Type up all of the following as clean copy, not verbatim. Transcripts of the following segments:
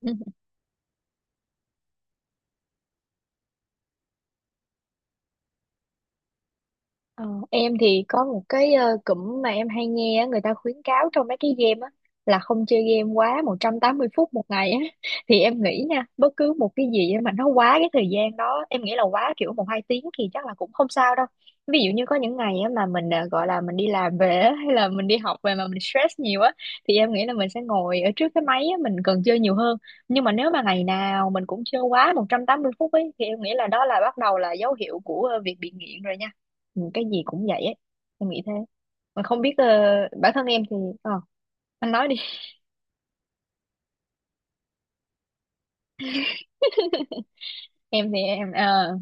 Ừ. Ờ, em thì có một cái cụm mà em hay nghe á, người ta khuyến cáo trong mấy cái game á là không chơi game quá 180 phút một ngày á thì em nghĩ nha, bất cứ một cái gì mà nó quá cái thời gian đó em nghĩ là quá kiểu một hai tiếng thì chắc là cũng không sao đâu. Ví dụ như có những ngày á mà mình gọi là mình đi làm về á, hay là mình đi học về mà mình stress nhiều á, thì em nghĩ là mình sẽ ngồi ở trước cái máy á, mình cần chơi nhiều hơn. Nhưng mà nếu mà ngày nào mình cũng chơi quá 180 phút ấy thì em nghĩ là đó là bắt đầu là dấu hiệu của việc bị nghiện rồi nha. Ừ, cái gì cũng vậy ấy, em nghĩ thế. Mà không biết bản thân em thì ờ anh nói đi. em thì em ờ,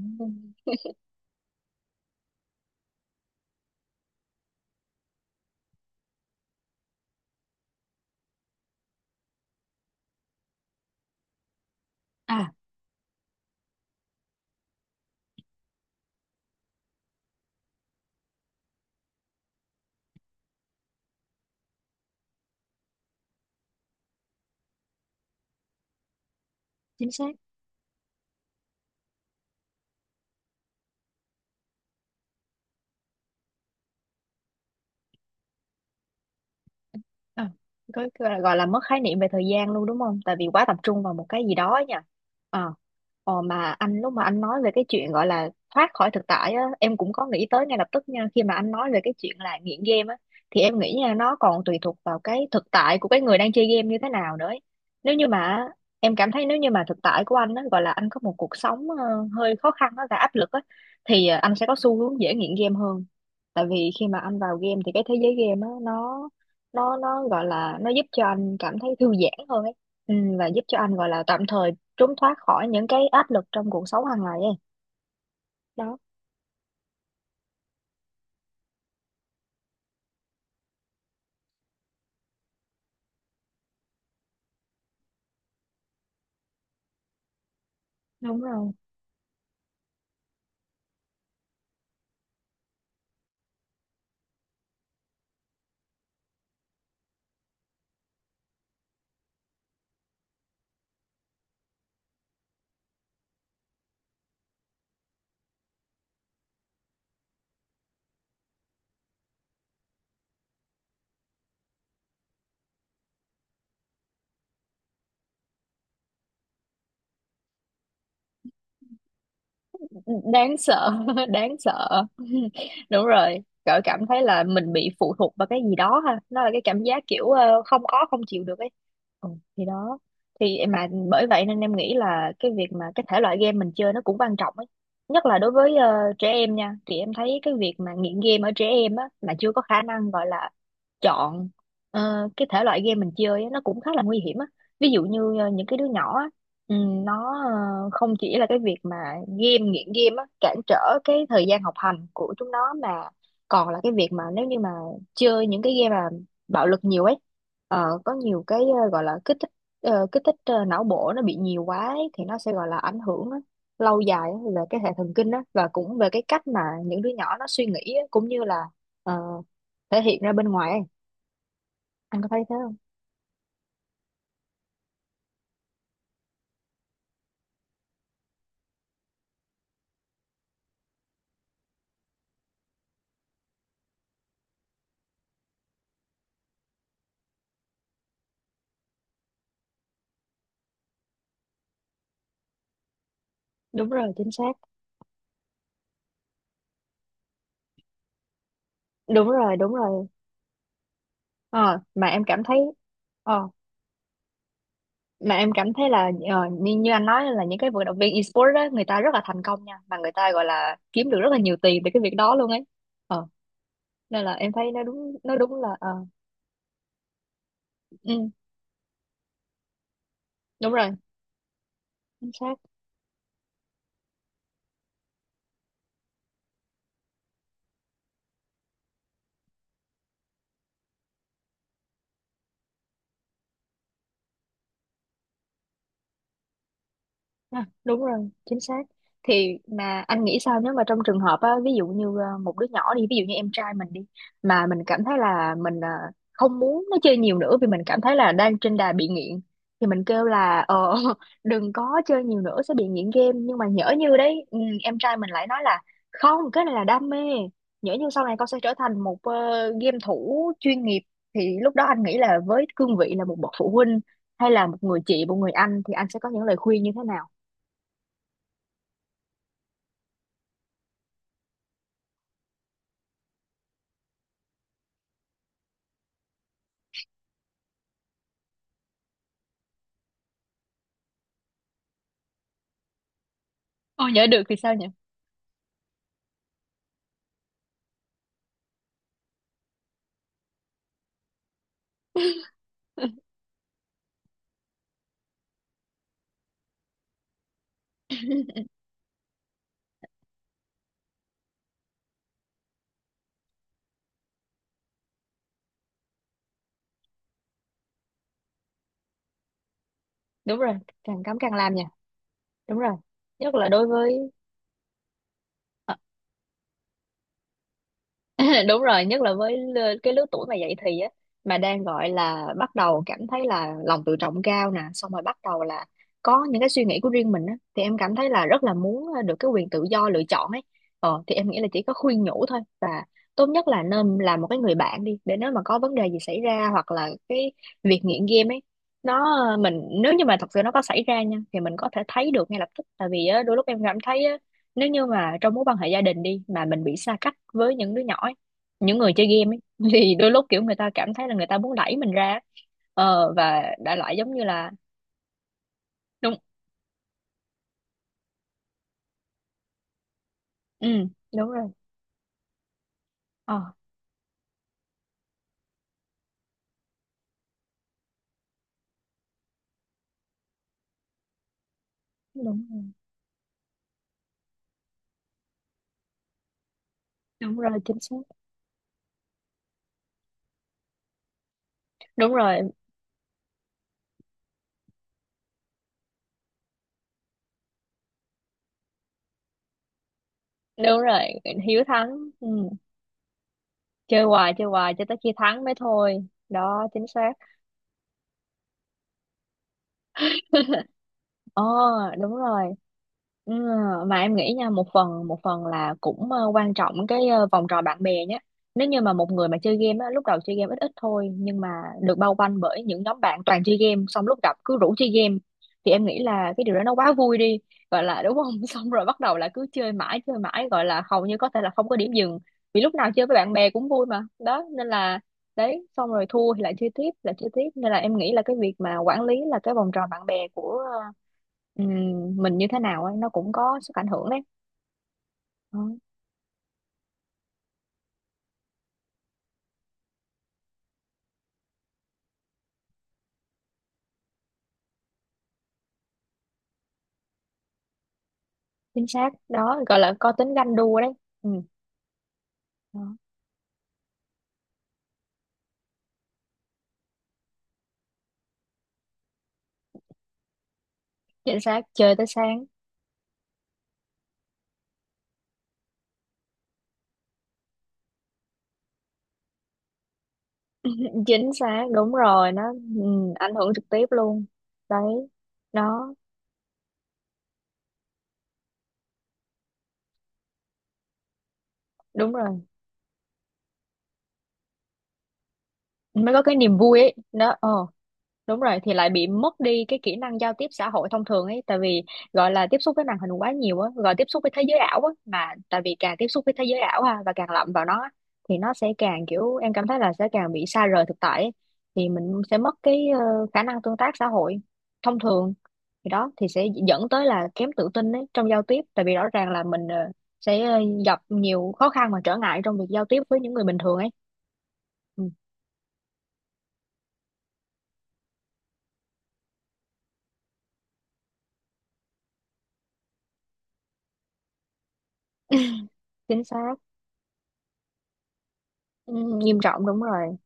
À, chính xác. À, gọi là mất khái niệm về thời gian luôn, đúng không? Tại vì quá tập trung vào một cái gì đó nha. Ờ, mà anh lúc mà anh nói về cái chuyện gọi là thoát khỏi thực tại á, em cũng có nghĩ tới ngay lập tức nha. Khi mà anh nói về cái chuyện là nghiện game á, thì em nghĩ nha, nó còn tùy thuộc vào cái thực tại của cái người đang chơi game như thế nào nữa ấy. Nếu như mà em cảm thấy nếu như mà thực tại của anh á, gọi là anh có một cuộc sống hơi khó khăn á, và áp lực á, thì anh sẽ có xu hướng dễ nghiện game hơn. Tại vì khi mà anh vào game thì cái thế giới game á, nó gọi là nó giúp cho anh cảm thấy thư giãn hơn ấy, ừ, và giúp cho anh gọi là tạm thời trốn thoát khỏi những cái áp lực trong cuộc sống hàng ngày ấy đó. Đúng rồi. Đáng sợ. Đáng sợ. Đúng rồi, cỡ cảm thấy là mình bị phụ thuộc vào cái gì đó ha, nó là cái cảm giác kiểu không có không chịu được ấy, ừ, thì đó. Thì mà bởi vậy nên em nghĩ là cái việc mà cái thể loại game mình chơi nó cũng quan trọng ấy. Nhất là đối với trẻ em nha, thì em thấy cái việc mà nghiện game ở trẻ em á mà chưa có khả năng gọi là chọn cái thể loại game mình chơi á, nó cũng khá là nguy hiểm á. Ví dụ như những cái đứa nhỏ á, ừ, nó không chỉ là cái việc mà nghiện game á, cản trở cái thời gian học hành của chúng nó, mà còn là cái việc mà nếu như mà chơi những cái game mà bạo lực nhiều ấy, có nhiều cái gọi là kích thích não bộ nó bị nhiều quá ấy, thì nó sẽ gọi là ảnh hưởng á, lâu dài á, về cái hệ thần kinh á, và cũng về cái cách mà những đứa nhỏ nó suy nghĩ á, cũng như là ờ, thể hiện ra bên ngoài ấy. Anh có thấy thế không? Đúng rồi, chính xác. Đúng rồi, đúng rồi. Ờ, mà em cảm thấy ờ, mà em cảm thấy là như anh nói là những cái vận động viên esports đó, người ta rất là thành công nha, mà người ta gọi là kiếm được rất là nhiều tiền từ cái việc đó luôn ấy, ờ, nên là em thấy nó đúng là ờ, ừ, đúng rồi, chính xác. À, đúng rồi, chính xác. Thì mà anh nghĩ sao nếu mà trong trường hợp á, ví dụ như một đứa nhỏ đi, ví dụ như em trai mình đi, mà mình cảm thấy là mình không muốn nó chơi nhiều nữa vì mình cảm thấy là đang trên đà bị nghiện, thì mình kêu là đừng có chơi nhiều nữa sẽ bị nghiện game. Nhưng mà nhỡ như đấy, ừ, em trai mình lại nói là không, cái này là đam mê. Nhỡ như sau này con sẽ trở thành một game thủ chuyên nghiệp, thì lúc đó anh nghĩ là với cương vị là một bậc phụ huynh, hay là một người chị, một người anh thì anh sẽ có những lời khuyên như thế nào? Ôi, nhớ được thì sao nhỉ? Đúng rồi, càng cấm càng làm nhỉ. Đúng rồi. Nhất là đối với. Đúng rồi, nhất là với cái lứa tuổi mà dậy thì á, mà đang gọi là bắt đầu cảm thấy là lòng tự trọng cao nè, xong rồi bắt đầu là có những cái suy nghĩ của riêng mình á, thì em cảm thấy là rất là muốn được cái quyền tự do lựa chọn ấy. Thì em nghĩ là chỉ có khuyên nhủ thôi, và tốt nhất là nên làm một cái người bạn đi, để nếu mà có vấn đề gì xảy ra hoặc là cái việc nghiện game ấy, nó mình nếu như mà thật sự nó có xảy ra nha thì mình có thể thấy được ngay lập tức, tại vì á, đôi lúc em cảm thấy nếu như mà trong mối quan hệ gia đình đi mà mình bị xa cách với những đứa nhỏ ấy, những người chơi game ấy, thì đôi lúc kiểu người ta cảm thấy là người ta muốn đẩy mình ra, và đại loại giống như là đúng. Ừ, đúng rồi. ờ, Đúng rồi, đúng rồi, chính xác. Đúng rồi, đúng rồi. Hiếu thắng. Ừ. Chơi hoài chơi hoài cho tới khi thắng mới thôi đó, chính xác. Ờ, đúng rồi. Ừ, mà em nghĩ nha, một phần là cũng quan trọng cái vòng tròn bạn bè nhé. Nếu như mà một người mà chơi game á, lúc đầu chơi game ít ít thôi, nhưng mà được bao quanh bởi những nhóm bạn toàn chơi game, xong lúc gặp cứ rủ chơi game thì em nghĩ là cái điều đó nó quá vui đi, gọi là đúng không? Xong rồi bắt đầu là cứ chơi mãi chơi mãi, gọi là hầu như có thể là không có điểm dừng, vì lúc nào chơi với bạn bè cũng vui mà đó, nên là đấy, xong rồi thua thì lại chơi tiếp lại chơi tiếp, nên là em nghĩ là cái việc mà quản lý là cái vòng tròn bạn bè của ừ, mình như thế nào ấy, nó cũng có sức ảnh hưởng đấy. Đó, chính xác đó, gọi là có tính ganh đua đấy, ừ, đó. Chính xác, chơi tới sáng. Chính xác, đúng rồi, nó, ừ, ảnh hưởng trực tiếp luôn đấy, nó đúng rồi, mới có cái niềm vui ấy đó. Ờ Đúng rồi, thì lại bị mất đi cái kỹ năng giao tiếp xã hội thông thường ấy, tại vì gọi là tiếp xúc với màn hình quá nhiều á, gọi tiếp xúc với thế giới ảo á, mà tại vì càng tiếp xúc với thế giới ảo ha và càng lậm vào nó á, thì nó sẽ càng kiểu em cảm thấy là sẽ càng bị xa rời thực tại ấy. Thì mình sẽ mất cái khả năng tương tác xã hội thông thường, thì đó thì sẽ dẫn tới là kém tự tin ấy trong giao tiếp, tại vì rõ ràng là mình sẽ gặp nhiều khó khăn và trở ngại trong việc giao tiếp với những người bình thường ấy. Ừ, chính xác. Ừ, nghiêm trọng, đúng rồi.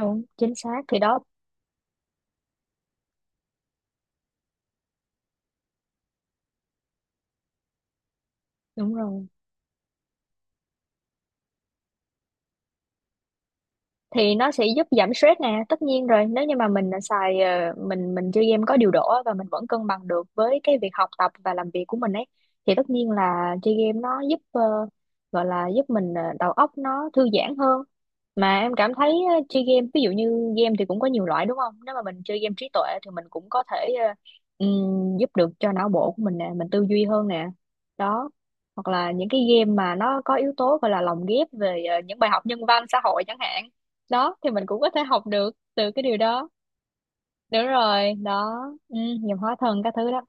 Đúng, chính xác, thì đó. Đúng rồi, thì nó sẽ giúp giảm stress nè, tất nhiên rồi, nếu như mà mình đã mình chơi game có điều độ á, và mình vẫn cân bằng được với cái việc học tập và làm việc của mình ấy, thì tất nhiên là chơi game nó giúp gọi là giúp mình đầu óc nó thư giãn hơn. Mà em cảm thấy chơi game, ví dụ như game thì cũng có nhiều loại, đúng không? Nếu mà mình chơi game trí tuệ thì mình cũng có thể giúp được cho não bộ của mình nè, mình tư duy hơn nè, đó. Hoặc là những cái game mà nó có yếu tố gọi là lồng ghép về những bài học nhân văn xã hội chẳng hạn, đó thì mình cũng có thể học được từ cái điều đó. Đúng rồi đó, ừ, nghiệp hóa thân các thứ đó,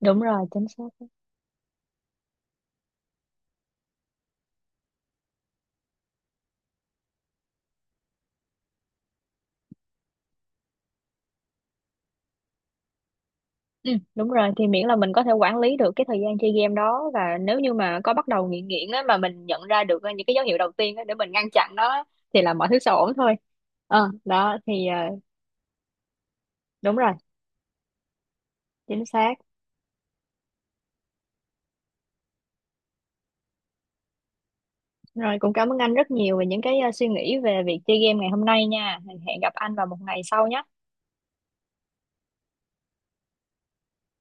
đúng rồi, chính xác. Ừ, đúng rồi, thì miễn là mình có thể quản lý được cái thời gian chơi game đó, và nếu như mà có bắt đầu nghiện nghiện á mà mình nhận ra được những cái dấu hiệu đầu tiên á để mình ngăn chặn nó á, thì là mọi thứ sẽ ổn thôi. ờ đó thì ờ, Đúng rồi, chính xác. Rồi, cũng cảm ơn anh rất nhiều về những cái suy nghĩ về việc chơi game ngày hôm nay nha, hẹn gặp anh vào một ngày sau nhé.